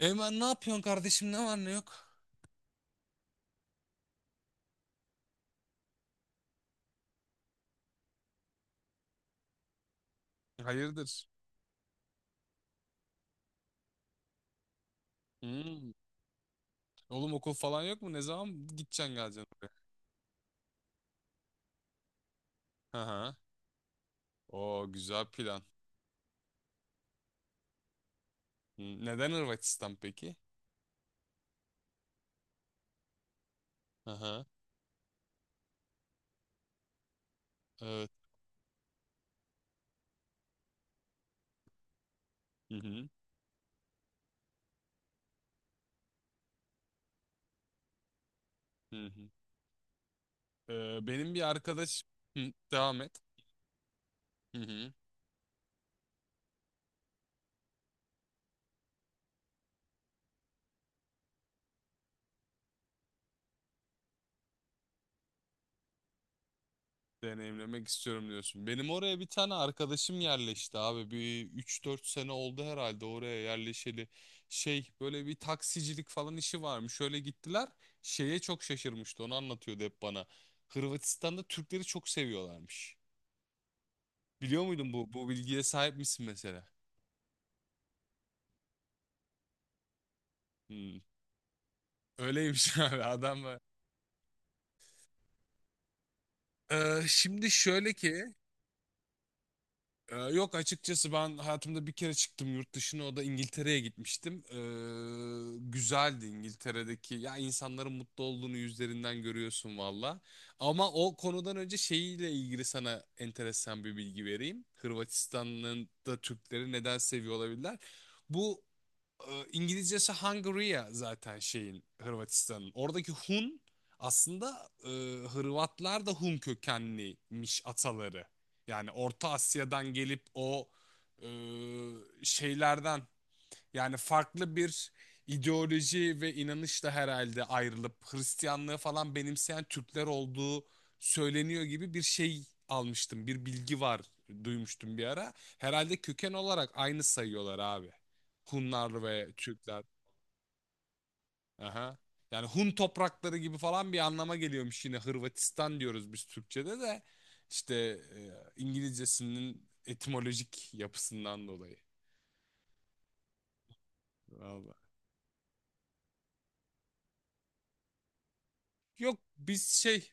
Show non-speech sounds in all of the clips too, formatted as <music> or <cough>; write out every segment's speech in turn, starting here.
Eymen ne yapıyorsun kardeşim, ne var ne yok? Hayırdır? Hmm. Oğlum okul falan yok mu? Ne zaman gideceksin geleceksin oraya? Hı hı. Oo, güzel plan. Neden Hırvatistan peki? Hı hı. Evet. Hı hı. Hı hı. Benim bir arkadaş... Hı, devam et. Hı hı. Deneyimlemek istiyorum diyorsun. Benim oraya bir tane arkadaşım yerleşti abi. Bir üç dört sene oldu herhalde oraya yerleşeli. Şey, böyle bir taksicilik falan işi varmış. Şöyle gittiler. Şeye çok şaşırmıştı. Onu anlatıyordu hep bana. Hırvatistan'da Türkleri çok seviyorlarmış. Biliyor muydun, bu bilgiye sahip misin mesela? Hmm. Öyleymiş <laughs> abi adam. Şimdi şöyle ki, yok açıkçası ben hayatımda bir kere çıktım yurt dışına, o da İngiltere'ye gitmiştim. Güzeldi İngiltere'deki, ya, insanların mutlu olduğunu yüzlerinden görüyorsun valla. Ama o konudan önce şeyiyle ilgili sana enteresan bir bilgi vereyim. Hırvatistan'ın da Türkleri neden seviyor olabilirler? Bu İngilizcesi Hungaria zaten şeyin, Hırvatistan'ın. Oradaki Hun aslında Hırvatlar da Hun kökenliymiş ataları. Yani Orta Asya'dan gelip o e, şeylerden, yani farklı bir ideoloji ve inanışla herhalde ayrılıp Hristiyanlığı falan benimseyen Türkler olduğu söyleniyor gibi bir şey almıştım. Bir bilgi var, duymuştum bir ara. Herhalde köken olarak aynı sayıyorlar abi, Hunlar ve Türkler. Aha. Yani Hun toprakları gibi falan bir anlama geliyormuş, yine Hırvatistan diyoruz biz Türkçe'de de işte İngilizcesinin etimolojik yapısından dolayı. Vallahi. Yok, biz şey.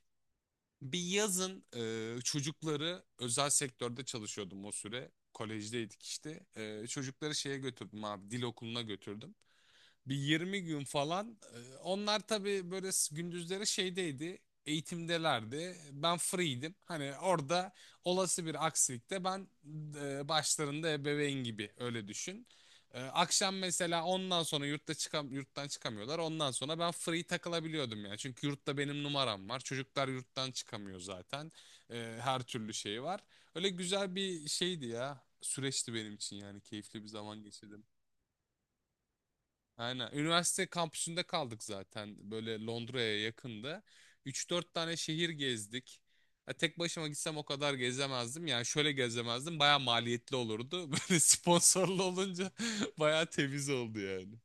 Bir yazın çocukları, özel sektörde çalışıyordum o süre. Kolejdeydik işte. Çocukları şeye götürdüm abi, dil okuluna götürdüm. Bir 20 gün falan. Onlar tabii böyle gündüzleri şeydeydi. Eğitimdelerdi. Ben free'ydim. Hani orada olası bir aksilikte ben başlarında ebeveyn gibi, öyle düşün. Akşam mesela ondan sonra yurttan çıkamıyorlar. Ondan sonra ben free takılabiliyordum yani. Çünkü yurtta benim numaram var, çocuklar yurttan çıkamıyor zaten. Her türlü şey var. Öyle güzel bir şeydi ya. Süreçti benim için yani. Keyifli bir zaman geçirdim. Aynen. Üniversite kampüsünde kaldık zaten, böyle Londra'ya yakında. Üç dört tane şehir gezdik. Ya tek başıma gitsem o kadar gezemezdim. Yani şöyle gezemezdim, baya maliyetli olurdu. <laughs> Böyle sponsorlu olunca <laughs> baya temiz oldu yani.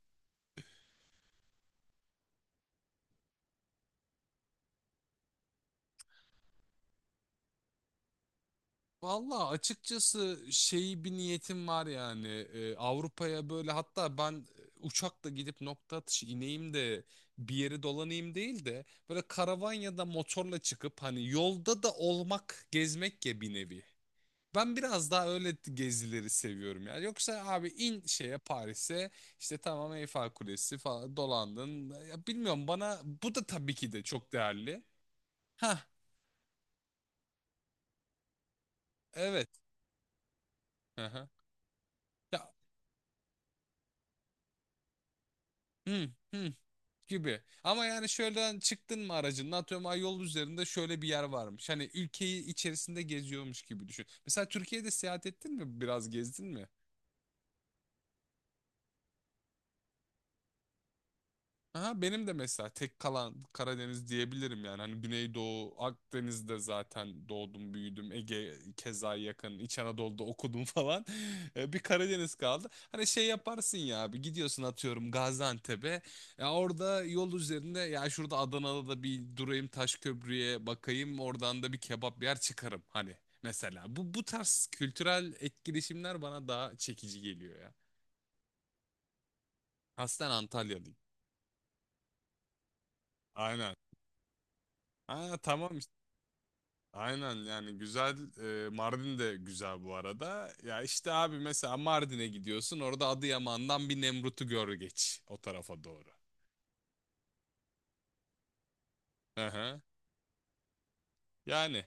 Valla, açıkçası şeyi bir niyetim var yani. Avrupa'ya böyle, hatta ben uçakla gidip nokta atışı ineyim de bir yeri dolanayım değil de, böyle karavan ya da motorla çıkıp hani yolda da olmak, gezmek ya, bir nevi. Ben biraz daha öyle gezileri seviyorum yani. Yoksa abi, in şeye Paris'e, işte tamam Eyfel Kulesi falan dolandın. Ya bilmiyorum, bana bu da tabii ki de çok değerli. Ha, evet. Hı hı. Ya, hı hı gibi. Ama yani şöyle, çıktın mı aracın, atıyorum ay yol üzerinde şöyle bir yer varmış. Hani ülkeyi içerisinde geziyormuş gibi düşün. Mesela Türkiye'de seyahat ettin mi? Biraz gezdin mi? Aha, benim de mesela tek kalan Karadeniz diyebilirim yani. Hani Güneydoğu, Akdeniz'de zaten doğdum, büyüdüm. Ege keza yakın, İç Anadolu'da okudum <laughs> falan. Bir Karadeniz kaldı. Hani şey yaparsın ya abi, gidiyorsun atıyorum Gaziantep'e. Ya orada yol üzerinde, ya şurada Adana'da da bir durayım, Taşköprü'ye bakayım. Oradan da bir kebap yer çıkarım hani, mesela. Bu tarz kültürel etkileşimler bana daha çekici geliyor ya. Aslen Antalyalıyım. Aynen. Ha, tamam. Aynen, yani güzel. Mardin de güzel bu arada. Ya işte abi, mesela Mardin'e gidiyorsun, orada Adıyaman'dan bir Nemrut'u gör, geç o tarafa doğru. Hı hı. Yani.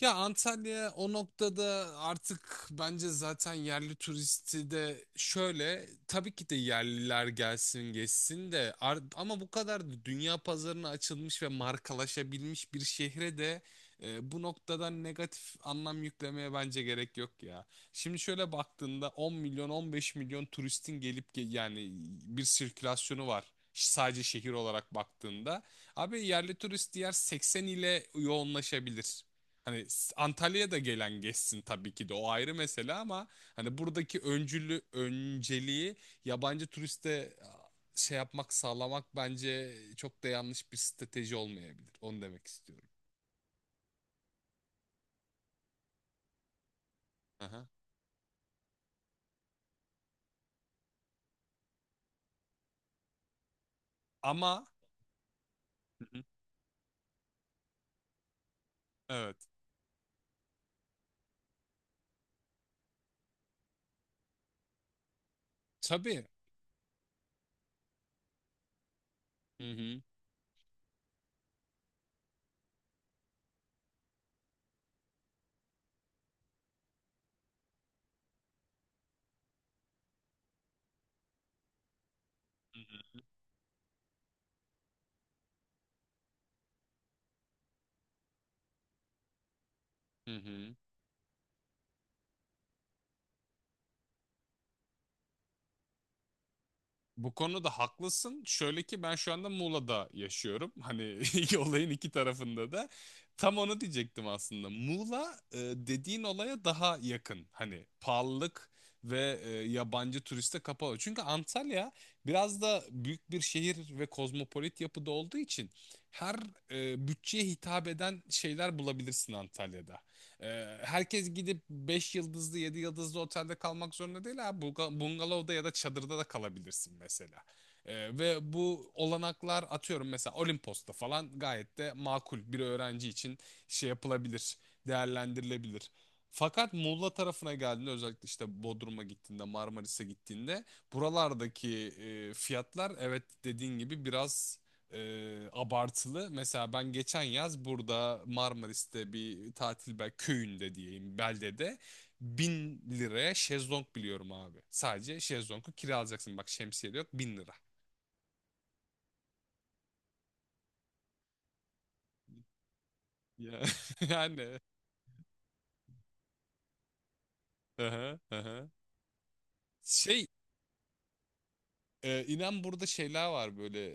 Ya Antalya o noktada artık bence, zaten yerli turisti de şöyle tabii ki de yerliler gelsin geçsin de ama bu kadar da dünya pazarına açılmış ve markalaşabilmiş bir şehre de bu noktadan negatif anlam yüklemeye bence gerek yok ya. Şimdi şöyle baktığında 10 milyon, 15 milyon turistin gelip yani bir sirkülasyonu var. Sadece şehir olarak baktığında abi, yerli turist diğer 80 ile yoğunlaşabilir. Hani Antalya'ya da gelen geçsin tabii ki de, o ayrı mesele ama hani buradaki öncülü, önceliği yabancı turiste şey yapmak, sağlamak bence çok da yanlış bir strateji olmayabilir. Onu demek istiyorum. Aha. Ama. Hı hı. Evet. Tabii. Hı hı. Hı hı. Hı hı. Bu konuda haklısın. Şöyle ki ben şu anda Muğla'da yaşıyorum. Hani <laughs> olayın iki tarafında da. Tam onu diyecektim aslında. Muğla dediğin olaya daha yakın. Hani pahalılık ve yabancı turiste kapalı. Çünkü Antalya biraz da büyük bir şehir ve kozmopolit yapıda olduğu için her bütçeye hitap eden şeyler bulabilirsin Antalya'da. Herkes gidip 5 yıldızlı, 7 yıldızlı otelde kalmak zorunda değil ha, Bungalovda ya da çadırda da kalabilirsin mesela. Ve bu olanaklar, atıyorum mesela Olimpos'ta falan gayet de makul, bir öğrenci için şey yapılabilir, değerlendirilebilir. Fakat Muğla tarafına geldiğinde, özellikle işte Bodrum'a gittiğinde, Marmaris'e gittiğinde buralardaki fiyatlar evet dediğin gibi biraz abartılı. Mesela ben geçen yaz burada Marmaris'te bir tatil, bel köyünde diyeyim, beldede 1.000 liraya şezlong biliyorum abi. Sadece şezlongu kiralayacaksın. Bak, şemsiye de yok, 1.000 lira. Ya, <laughs> yani. Aha, aha. Şey. İnan burada şeyler var, böyle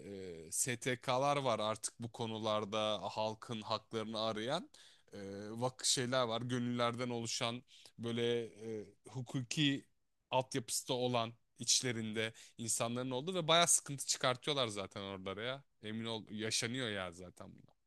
STK'lar var artık bu konularda halkın haklarını arayan, e, vak şeyler var gönüllerden oluşan, böyle hukuki altyapısı da olan içlerinde insanların olduğu, ve baya sıkıntı çıkartıyorlar zaten oralara, ya emin ol yaşanıyor ya zaten bunlar.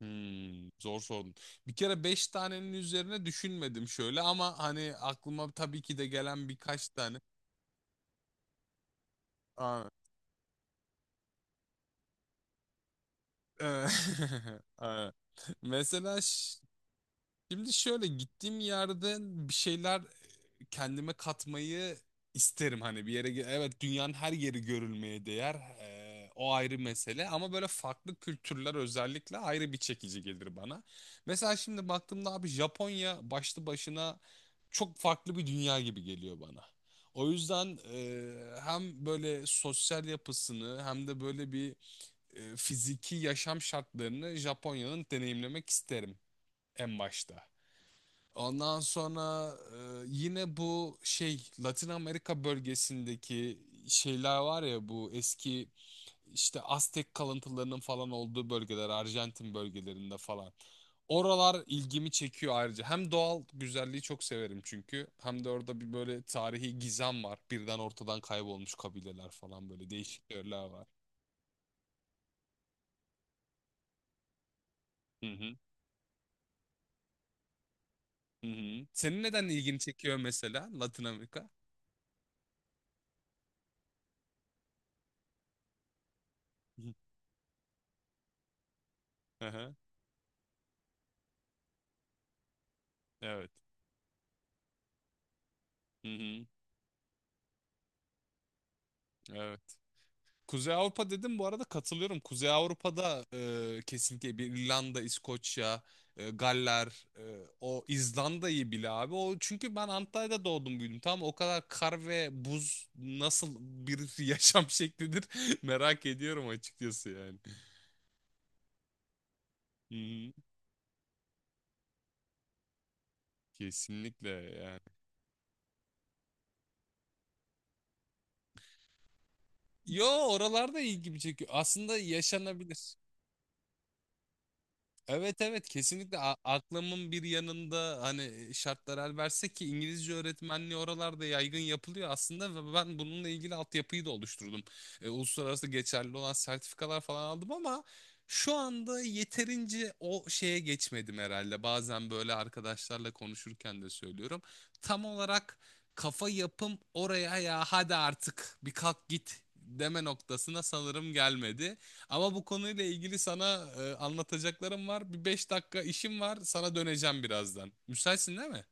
Zor sordun. Bir kere 5 tanenin üzerine düşünmedim şöyle, ama hani aklıma tabii ki de gelen birkaç tane. Eee, evet. <laughs> Mesela şimdi şöyle, gittiğim yerde bir şeyler kendime katmayı isterim, hani bir yere evet, dünyanın her yeri görülmeye değer, o ayrı mesele ama böyle farklı kültürler özellikle ayrı bir çekici gelir bana. Mesela şimdi baktığımda abi, Japonya başlı başına çok farklı bir dünya gibi geliyor bana. O yüzden hem böyle sosyal yapısını hem de böyle bir fiziki yaşam şartlarını Japonya'nın deneyimlemek isterim en başta. Ondan sonra yine bu şey, Latin Amerika bölgesindeki şeyler var ya, bu eski işte Aztek kalıntılarının falan olduğu bölgeler, Arjantin bölgelerinde falan. Oralar ilgimi çekiyor ayrıca. Hem doğal güzelliği çok severim çünkü, hem de orada bir böyle tarihi gizem var. Birden ortadan kaybolmuş kabileler falan, böyle değişik yerler var. Hı hı. Senin neden ilgini çekiyor mesela Latin Amerika? Hı hı. Evet. Hı hı. Evet. Kuzey Avrupa dedim bu arada, katılıyorum. Kuzey Avrupa'da kesinlikle bir İrlanda, İskoçya, Galler, o İzlanda'yı bile abi. O çünkü ben Antalya'da doğdum büyüdüm, tamam. O kadar kar ve buz nasıl bir <laughs> yaşam şeklidir <laughs> merak ediyorum açıkçası yani. Hı hı. Kesinlikle yani. Yo, oralarda ilgimi çekiyor. Aslında yaşanabilir. Evet, evet, kesinlikle. Aklımın bir yanında hani şartlar el verse ki, İngilizce öğretmenliği oralarda yaygın yapılıyor aslında, ve ben bununla ilgili altyapıyı da oluşturdum. Uluslararası geçerli olan sertifikalar falan aldım, ama şu anda yeterince o şeye geçmedim herhalde. Bazen böyle arkadaşlarla konuşurken de söylüyorum. Tam olarak kafa yapım oraya, ya hadi artık bir kalk git deme noktasına sanırım gelmedi. Ama bu konuyla ilgili sana anlatacaklarım var. Bir 5 dakika işim var. Sana döneceğim birazdan. Müsaitsin değil mi?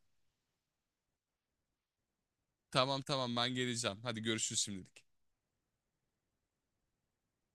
Tamam, tamam, ben geleceğim. Hadi görüşürüz şimdilik.